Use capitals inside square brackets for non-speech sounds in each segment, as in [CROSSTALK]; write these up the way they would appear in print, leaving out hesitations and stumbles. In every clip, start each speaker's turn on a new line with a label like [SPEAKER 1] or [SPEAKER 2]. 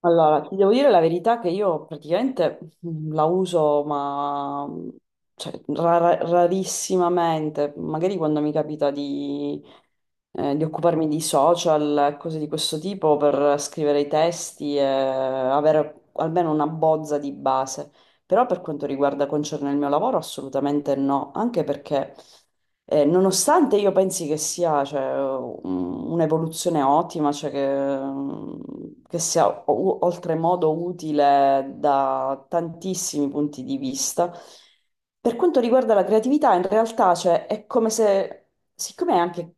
[SPEAKER 1] Allora, ti devo dire la verità che io praticamente la uso, ma rarissimamente, magari quando mi capita di occuparmi di social, cose di questo tipo, per scrivere i testi e avere almeno una bozza di base. Però per quanto riguarda concerne il mio lavoro, assolutamente no, anche perché nonostante io pensi che sia cioè, un'evoluzione ottima, cioè che sia oltremodo utile da tantissimi punti di vista, per quanto riguarda la creatività, in realtà cioè, è come se, siccome è anche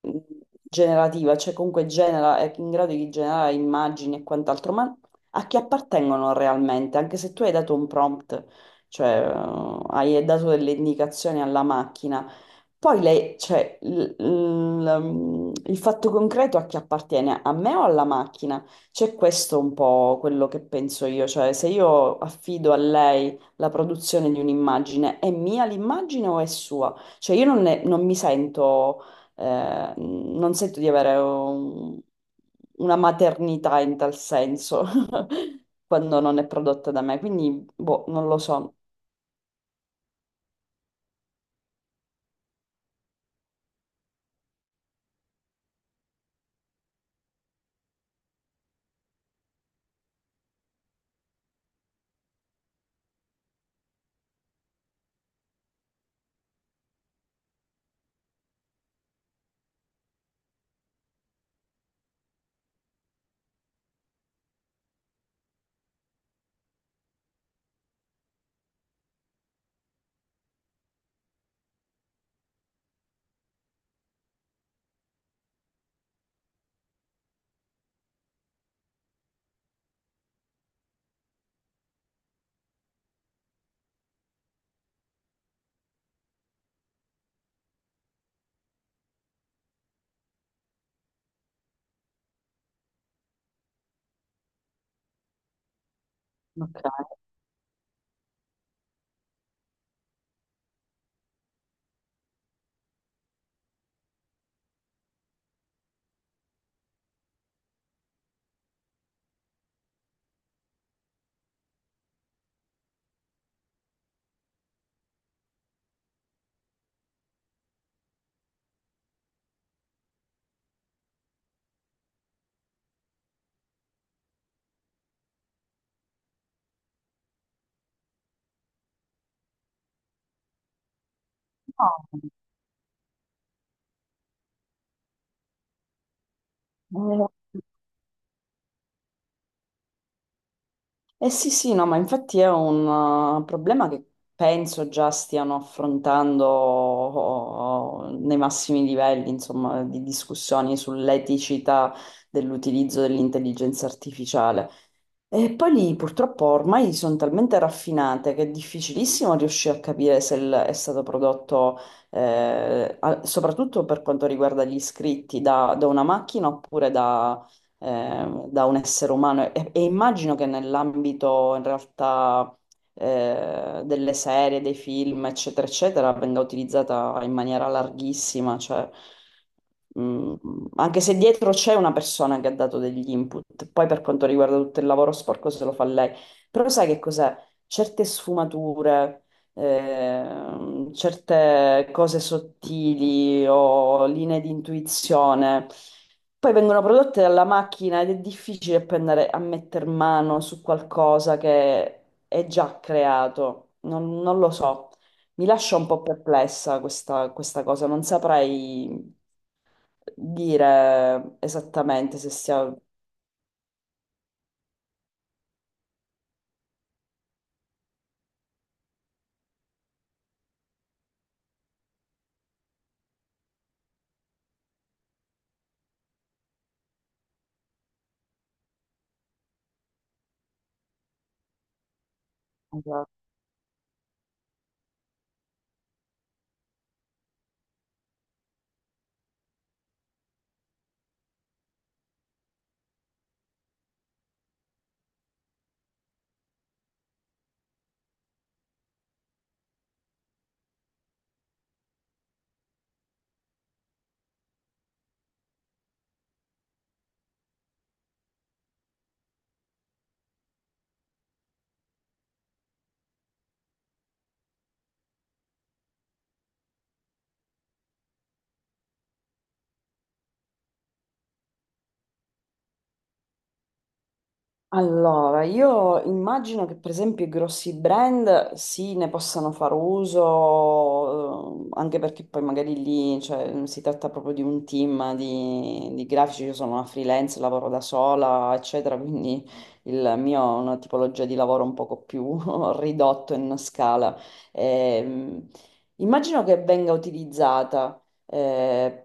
[SPEAKER 1] mh, generativa, cioè comunque genera, è in grado di generare immagini e quant'altro, ma a chi appartengono realmente, anche se tu hai dato un prompt, cioè hai dato delle indicazioni alla macchina, poi lei, cioè, il fatto concreto a chi appartiene, a me o alla macchina? C'è questo un po' quello che penso io, cioè se io affido a lei la produzione di un'immagine, è mia l'immagine o è sua? Cioè io non, ne- non mi sento non sento di avere una maternità in tal senso [LAUGHS] quando non è prodotta da me, quindi boh, non lo so. Ok. No, eh sì, sì, no, ma infatti è un problema che penso già stiano affrontando oh, oh, nei massimi livelli, insomma, di discussioni sull'eticità dell'utilizzo dell'intelligenza artificiale. E poi lì purtroppo ormai sono talmente raffinate che è difficilissimo riuscire a capire se è stato prodotto, soprattutto per quanto riguarda gli iscritti, da una macchina oppure da, da un essere umano. E immagino che nell'ambito in realtà delle serie, dei film, eccetera, eccetera, venga utilizzata in maniera larghissima, cioè, mh, anche se dietro c'è una persona che ha dato degli input, poi per quanto riguarda tutto il lavoro sporco se lo fa lei, però sai che cos'è? Certe sfumature, certe cose sottili o linee di intuizione. Poi vengono prodotte dalla macchina ed è difficile prendere a metter mano su qualcosa che è già creato, non lo so. Mi lascia un po' perplessa questa cosa, non saprei dire esattamente se sia... Allora, io immagino che per esempio i grossi brand sì, ne possano far uso, anche perché poi magari lì, cioè, si tratta proprio di un team di grafici, io sono una freelance, lavoro da sola, eccetera, quindi il mio è una tipologia di lavoro un poco più [LAUGHS] ridotto in scala. Ehm, immagino che venga utilizzata. eh,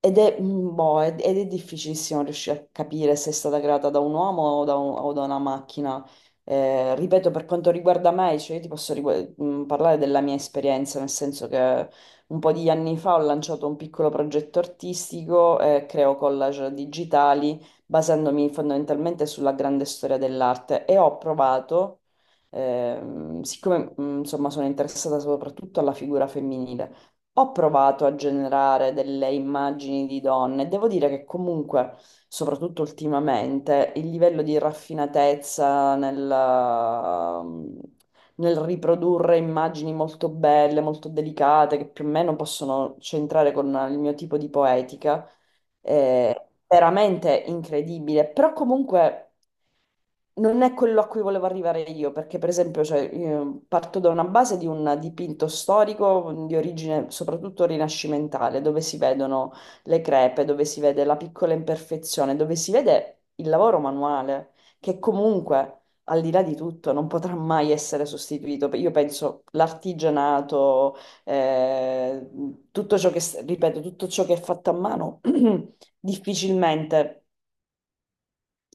[SPEAKER 1] Ed è, boh, ed è difficilissimo riuscire a capire se è stata creata da un uomo o da, o da una macchina. Ripeto, per quanto riguarda me, cioè io ti posso parlare della mia esperienza, nel senso che un po' di anni fa ho lanciato un piccolo progetto artistico, creo collage digitali, basandomi fondamentalmente sulla grande storia dell'arte e ho provato, siccome insomma sono interessata soprattutto alla figura femminile. Ho provato a generare delle immagini di donne. Devo dire che comunque, soprattutto ultimamente, il livello di raffinatezza nel, nel riprodurre immagini molto belle, molto delicate, che più o meno possono centrare con il mio tipo di poetica, veramente incredibile, però comunque non è quello a cui volevo arrivare io, perché per esempio cioè, io parto da una base di un dipinto storico di origine soprattutto rinascimentale, dove si vedono le crepe, dove si vede la piccola imperfezione, dove si vede il lavoro manuale, che comunque, al di là di tutto, non potrà mai essere sostituito. Io penso l'artigianato eh, tutto ciò che, ripeto, tutto ciò che è fatto a mano [CLEARS THROAT] difficilmente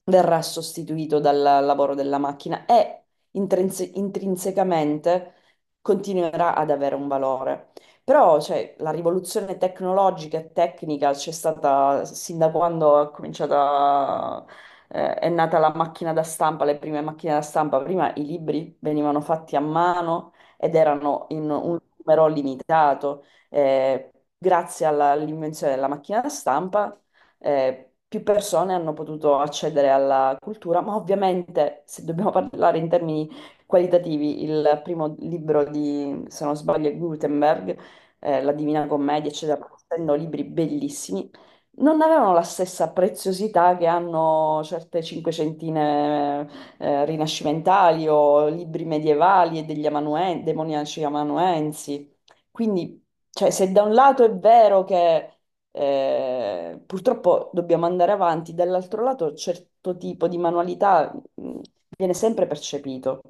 [SPEAKER 1] verrà sostituito dal lavoro della macchina e intrinsecamente continuerà ad avere un valore. Però, cioè, la rivoluzione tecnologica e tecnica c'è stata sin da quando è cominciata, è nata la macchina da stampa, le prime macchine da stampa. Prima i libri venivano fatti a mano ed erano in un numero limitato. Eh, Grazie all'invenzione della macchina da stampa più persone hanno potuto accedere alla cultura, ma ovviamente se dobbiamo parlare in termini qualitativi, il primo libro di, se non sbaglio, è Gutenberg, La Divina Commedia, eccetera, essendo libri bellissimi, non avevano la stessa preziosità che hanno certe cinquecentine rinascimentali o libri medievali e degli demoniaci amanuensi. Quindi, cioè, se da un lato è vero che purtroppo dobbiamo andare avanti, dall'altro lato certo tipo di manualità viene sempre percepito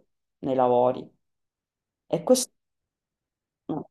[SPEAKER 1] nei lavori. E questo, no.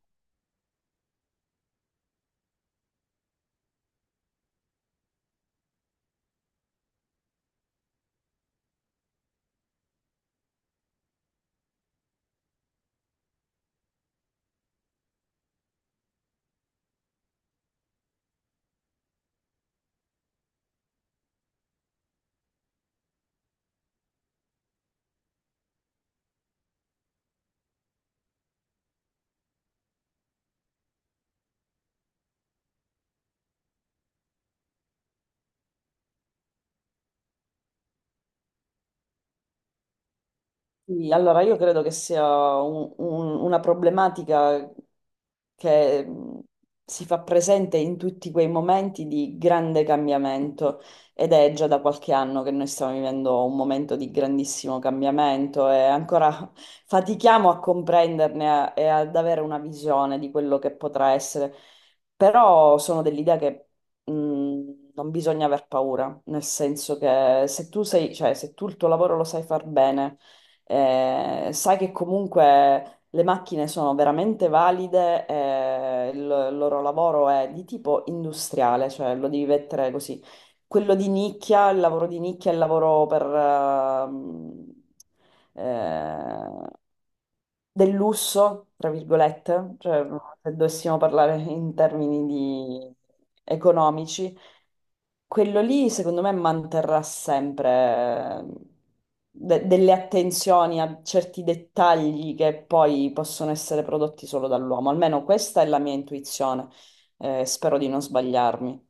[SPEAKER 1] Sì, allora io credo che sia una problematica che si fa presente in tutti quei momenti di grande cambiamento ed è già da qualche anno che noi stiamo vivendo un momento di grandissimo cambiamento e ancora fatichiamo a comprenderne e ad avere una visione di quello che potrà essere, però sono dell'idea che mh, non bisogna aver paura, nel senso che se tu sei, cioè, se tu il tuo lavoro lo sai far bene, sai che comunque le macchine sono veramente valide, il loro lavoro è di tipo industriale, cioè lo devi mettere così. Quello di nicchia, il lavoro di nicchia è il lavoro per, eh, del lusso, tra virgolette, cioè se dovessimo parlare in termini economici, quello lì, secondo me, manterrà sempre delle attenzioni a certi dettagli che poi possono essere prodotti solo dall'uomo. Almeno questa è la mia intuizione. Spero di non sbagliarmi.